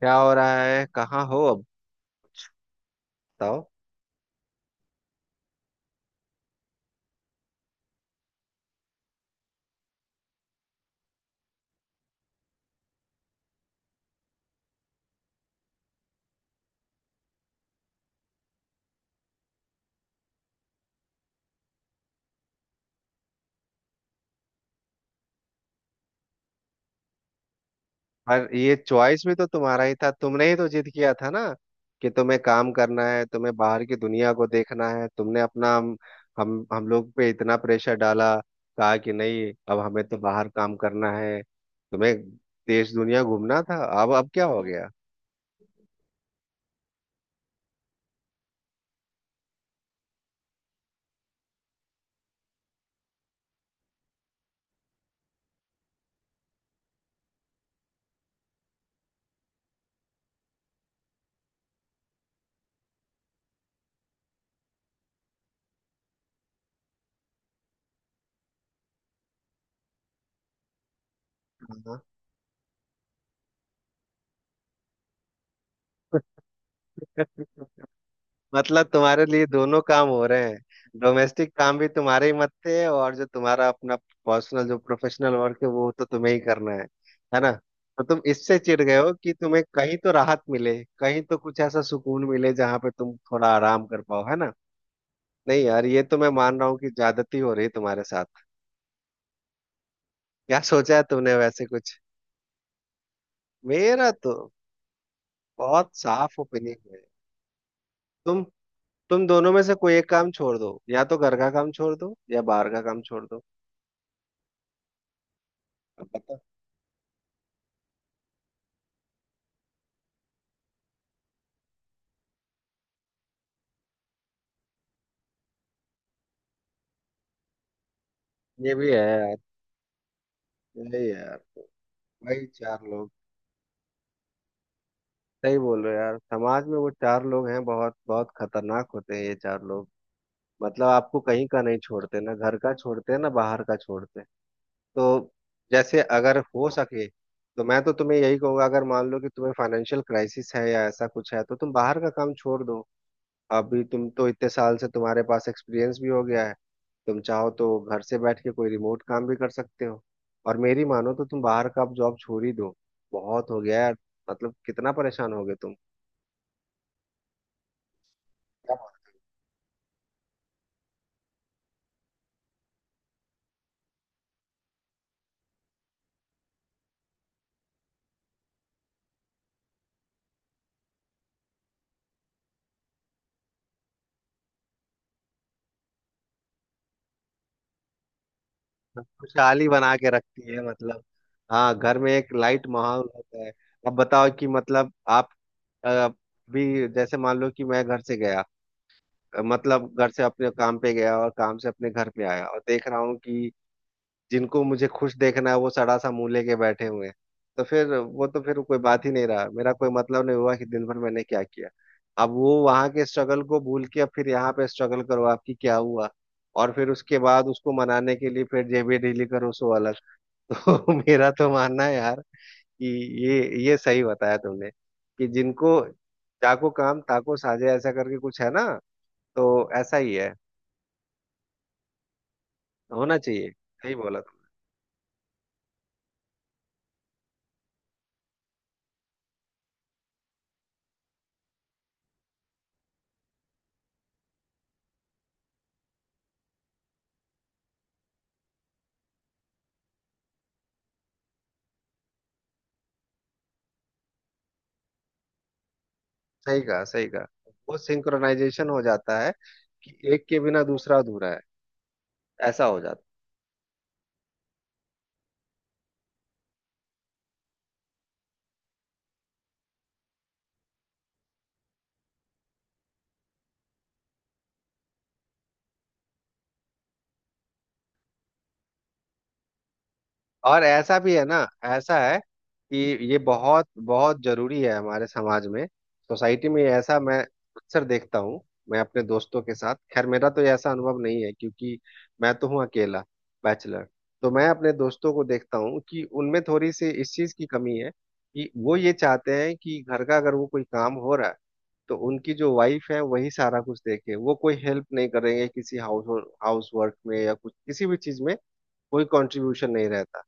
क्या हो रहा है? कहाँ हो अब? बताओ। पर ये चॉइस भी तो तुम्हारा ही था। तुमने ही तो जिद किया था ना कि तुम्हें काम करना है, तुम्हें बाहर की दुनिया को देखना है। तुमने अपना हम लोग पे इतना प्रेशर डाला, कहा कि नहीं, अब हमें तो बाहर काम करना है, तुम्हें देश दुनिया घूमना था। अब क्या हो गया? मतलब तुम्हारे लिए दोनों काम हो रहे हैं। डोमेस्टिक काम भी तुम्हारे ही मत्थे है, और जो तुम्हारा अपना पर्सनल, जो प्रोफेशनल वर्क है, वो तो तुम्हें ही करना है ना? तो तुम इससे चिढ़ गए हो कि तुम्हें कहीं तो राहत मिले, कहीं तो कुछ ऐसा सुकून मिले जहां पे तुम थोड़ा आराम कर पाओ, है ना? नहीं यार, ये तो मैं मान रहा हूँ कि ज्यादती हो रही है तुम्हारे साथ। क्या सोचा है तुमने वैसे कुछ? मेरा तो बहुत साफ ओपिनियन है। तुम तुम दोनों में से कोई एक काम छोड़ दो। या तो घर का काम छोड़ दो या बाहर का काम छोड़ दो। अब बताओ। ये भी है यार। यही है यार। वही चार लोग। सही बोल रहे हो यार, समाज में वो चार लोग हैं। बहुत बहुत खतरनाक होते हैं ये चार लोग। मतलब आपको कहीं का नहीं छोड़ते, ना घर का छोड़ते, ना बाहर का छोड़ते। तो जैसे, अगर हो सके, तो मैं तो तुम्हें यही कहूंगा, अगर मान लो कि तुम्हें फाइनेंशियल क्राइसिस है या ऐसा कुछ है, तो तुम बाहर का काम छोड़ दो। अभी तुम तो इतने साल से, तुम्हारे पास एक्सपीरियंस भी हो गया है। तुम चाहो तो घर से बैठ के कोई रिमोट काम भी कर सकते हो। और मेरी मानो तो तुम बाहर का अब जॉब छोड़ ही दो। बहुत हो गया यार। मतलब कितना परेशान हो गए तुम। क्या बात है? खुशहाली बना के रखती है मतलब। हाँ, घर में एक लाइट माहौल होता है। अब बताओ कि मतलब आप अ, भी जैसे मान लो कि मैं घर से गया। मतलब घर से अपने काम पे गया और काम से अपने घर पे आया, और देख रहा हूँ कि जिनको मुझे खुश देखना है, वो सड़ा सा मुंह लेके बैठे हुए हैं। तो फिर वो, तो फिर कोई बात ही नहीं रहा। मेरा कोई मतलब नहीं हुआ कि दिन भर मैंने क्या किया। अब वो वहां के स्ट्रगल को भूल के, अब फिर यहाँ पे स्ट्रगल करो, आपकी क्या हुआ। और फिर उसके बाद उसको मनाने के लिए फिर जेबी ढीली करो, सो अलग। तो मेरा तो मानना है यार कि ये ये सही बताया तुमने, कि जिनको जाको काम ताको साझे, ऐसा करके कुछ है ना। तो ऐसा ही है, होना चाहिए। सही बोला। सही कहा, सही कहा। वो सिंक्रोनाइजेशन हो जाता है कि एक के बिना दूसरा अधूरा है। ऐसा हो जाता है। और ऐसा भी है ना, ऐसा है कि ये बहुत बहुत जरूरी है। हमारे समाज में, सोसाइटी में, ऐसा मैं अक्सर देखता हूँ। मैं अपने दोस्तों के साथ, खैर मेरा तो ये ऐसा अनुभव नहीं है, क्योंकि मैं तो हूँ अकेला, बैचलर। तो मैं अपने दोस्तों को देखता हूँ कि उनमें थोड़ी सी इस चीज की कमी है, कि वो ये चाहते हैं कि घर का अगर वो कोई काम हो रहा है, तो उनकी जो वाइफ है वही सारा कुछ देखे। वो कोई हेल्प नहीं करेंगे किसी हाउस हाउस वर्क में या कुछ किसी भी चीज में। कोई कंट्रीब्यूशन नहीं रहता।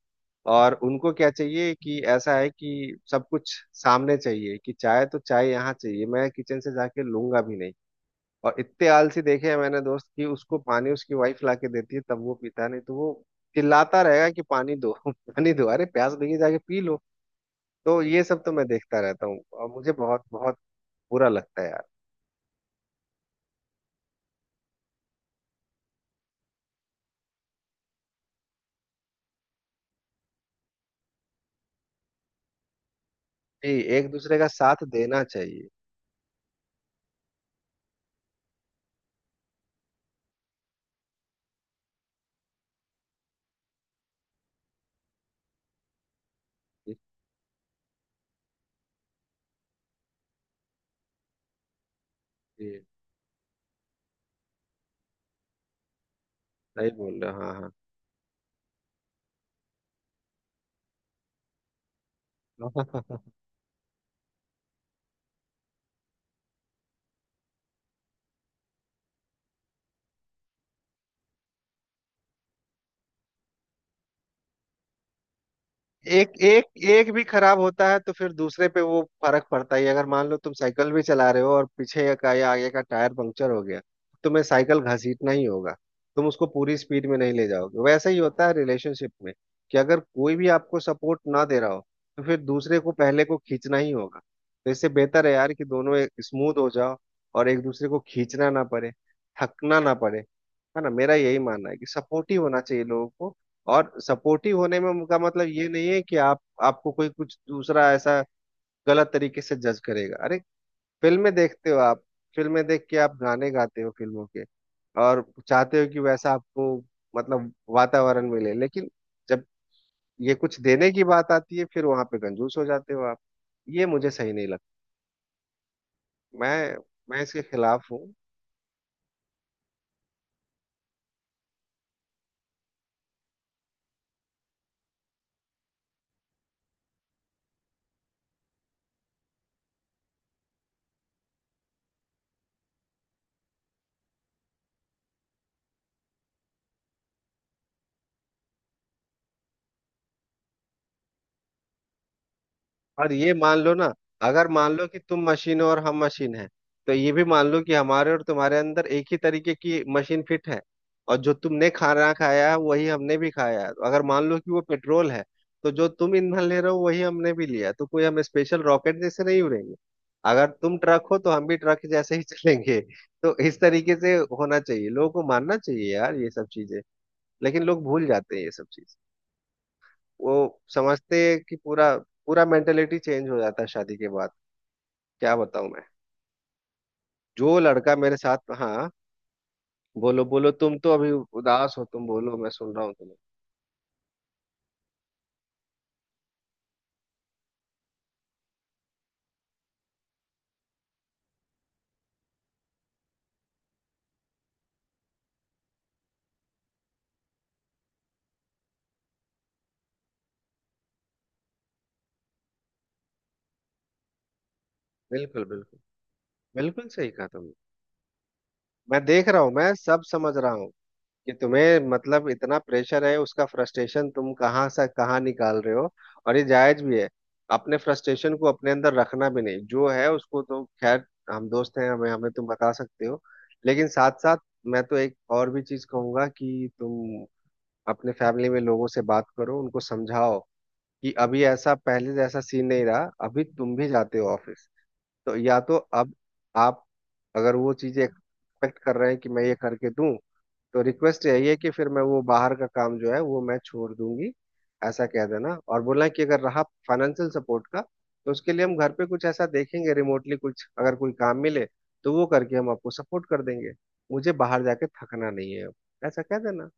और उनको क्या चाहिए कि ऐसा है कि सब कुछ सामने चाहिए, कि चाय तो चाय यहाँ चाहिए, मैं किचन से जाके लूंगा भी नहीं। और इतने आलसी देखे हैं मैंने दोस्त, कि उसको पानी उसकी वाइफ ला के देती है तब वो पीता है, नहीं तो वो चिल्लाता रहेगा कि पानी दो, पानी दो। अरे प्यास लगी, जाके पी लो। तो ये सब तो मैं देखता रहता हूँ और मुझे बहुत बहुत बुरा लगता है यार। जी, एक दूसरे का साथ देना चाहिए। जी, जी, सही बोल रहे हो, हाँ। हाँ, एक एक एक भी खराब होता है तो फिर दूसरे पे वो फर्क पड़ता ही है। अगर मान लो तुम साइकिल भी चला रहे हो और पीछे का या आगे का टायर पंक्चर हो गया, तो तुम्हें साइकिल घसीटना ही होगा। तुम उसको पूरी स्पीड में नहीं ले जाओगे। वैसा ही होता है रिलेशनशिप में कि अगर कोई भी आपको सपोर्ट ना दे रहा हो, तो फिर दूसरे को, पहले को खींचना ही होगा। तो इससे बेहतर है यार कि दोनों स्मूथ हो जाओ और एक दूसरे को खींचना ना पड़े, थकना ना पड़े, है ना। मेरा यही मानना है कि सपोर्टिव होना चाहिए लोगों को। और सपोर्टिव होने में का मतलब ये नहीं है कि आप, आपको कोई कुछ दूसरा ऐसा गलत तरीके से जज करेगा। अरे फिल्में देखते हो आप, फिल्में देख के आप गाने गाते हो फिल्मों के, और चाहते हो कि वैसा आपको मतलब वातावरण मिले। लेकिन जब ये कुछ देने की बात आती है, फिर वहां पे कंजूस हो जाते हो आप। ये मुझे सही नहीं लगता। मैं मैं इसके खिलाफ हूँ। और ये मान लो ना, अगर मान लो कि तुम मशीन हो और हम मशीन हैं, तो ये भी मान लो कि हमारे और तुम्हारे अंदर एक ही तरीके की मशीन फिट है, और जो तुमने खाना खाया है वही हमने भी खाया है। तो अगर मान लो कि वो पेट्रोल है, तो जो तुम ईंधन ले रहे हो वही हमने भी लिया है। तो कोई हम स्पेशल रॉकेट जैसे नहीं उड़ेंगे। अगर तुम ट्रक हो तो हम भी ट्रक जैसे ही चलेंगे। तो इस तरीके से होना चाहिए, लोगों को मानना चाहिए यार ये सब चीजें। लेकिन लोग भूल जाते हैं ये सब चीजें। वो समझते हैं कि पूरा, पूरा मेंटेलिटी चेंज हो जाता है शादी के बाद। क्या बताऊं मैं। जो लड़का मेरे साथ, हाँ, बोलो बोलो तुम, तो अभी उदास हो तुम, बोलो मैं सुन रहा हूँ तुम्हें। बिल्कुल, बिल्कुल। बिल्कुल सही कहा तुमने। मैं देख रहा हूँ, मैं सब समझ रहा हूँ कि तुम्हें मतलब इतना प्रेशर है, उसका फ्रस्ट्रेशन तुम कहाँ से कहाँ निकाल रहे हो, और ये जायज भी है। अपने फ्रस्ट्रेशन को अपने अंदर रखना भी नहीं, जो है उसको तो खैर, हम दोस्त हैं, हमें हमें तुम बता सकते हो। लेकिन साथ साथ, मैं तो एक और भी चीज कहूंगा कि तुम अपने फैमिली में लोगों से बात करो, उनको समझाओ कि अभी ऐसा पहले जैसा सीन नहीं रहा, अभी तुम भी जाते हो ऑफिस। तो या तो अब आप, अगर वो चीजें एक्सपेक्ट कर रहे हैं कि मैं ये करके दूं, तो रिक्वेस्ट यही है कि फिर मैं वो बाहर का काम जो है वो मैं छोड़ दूंगी। ऐसा कह देना। और बोलना कि अगर रहा फाइनेंशियल सपोर्ट का, तो उसके लिए हम घर पे कुछ ऐसा देखेंगे, रिमोटली कुछ अगर कोई काम मिले तो वो करके हम आपको सपोर्ट कर देंगे। मुझे बाहर जाके थकना नहीं है। ऐसा कह देना।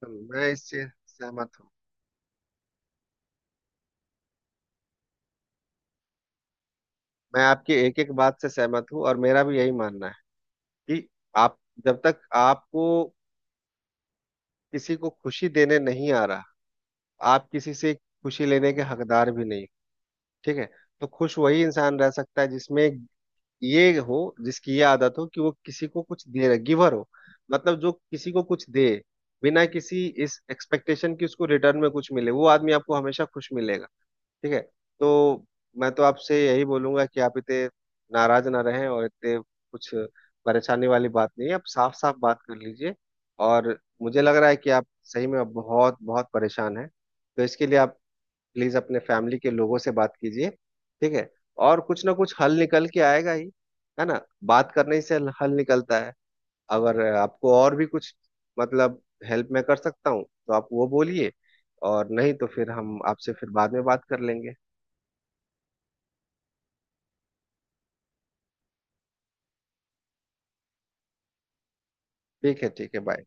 तो मैं इससे सहमत हूँ। मैं आपकी एक एक बात से सहमत हूँ, और मेरा भी यही मानना है कि आप, जब तक आपको किसी को खुशी देने नहीं आ रहा, आप किसी से खुशी लेने के हकदार भी नहीं। ठीक है। तो खुश वही इंसान रह सकता है जिसमें ये हो, जिसकी ये आदत हो कि वो किसी को कुछ दे रहा, गिवर हो। मतलब जो किसी को कुछ दे बिना किसी इस एक्सपेक्टेशन की उसको रिटर्न में कुछ मिले, वो आदमी आपको हमेशा खुश मिलेगा। ठीक है। तो मैं तो आपसे यही बोलूंगा कि आप इतने नाराज ना रहें, और इतने कुछ परेशानी वाली बात नहीं है, आप साफ साफ बात कर लीजिए। और मुझे लग रहा है कि आप सही में अब बहुत बहुत परेशान हैं। तो इसके लिए आप प्लीज अपने फैमिली के लोगों से बात कीजिए, ठीक है। और कुछ ना कुछ हल निकल के आएगा ही, है ना। बात करने से हल हल निकलता है। अगर आपको और भी कुछ मतलब हेल्प मैं कर सकता हूँ, तो आप वो बोलिए। और नहीं तो फिर हम आपसे फिर बाद में बात कर लेंगे। ठीक है, ठीक है, बाय।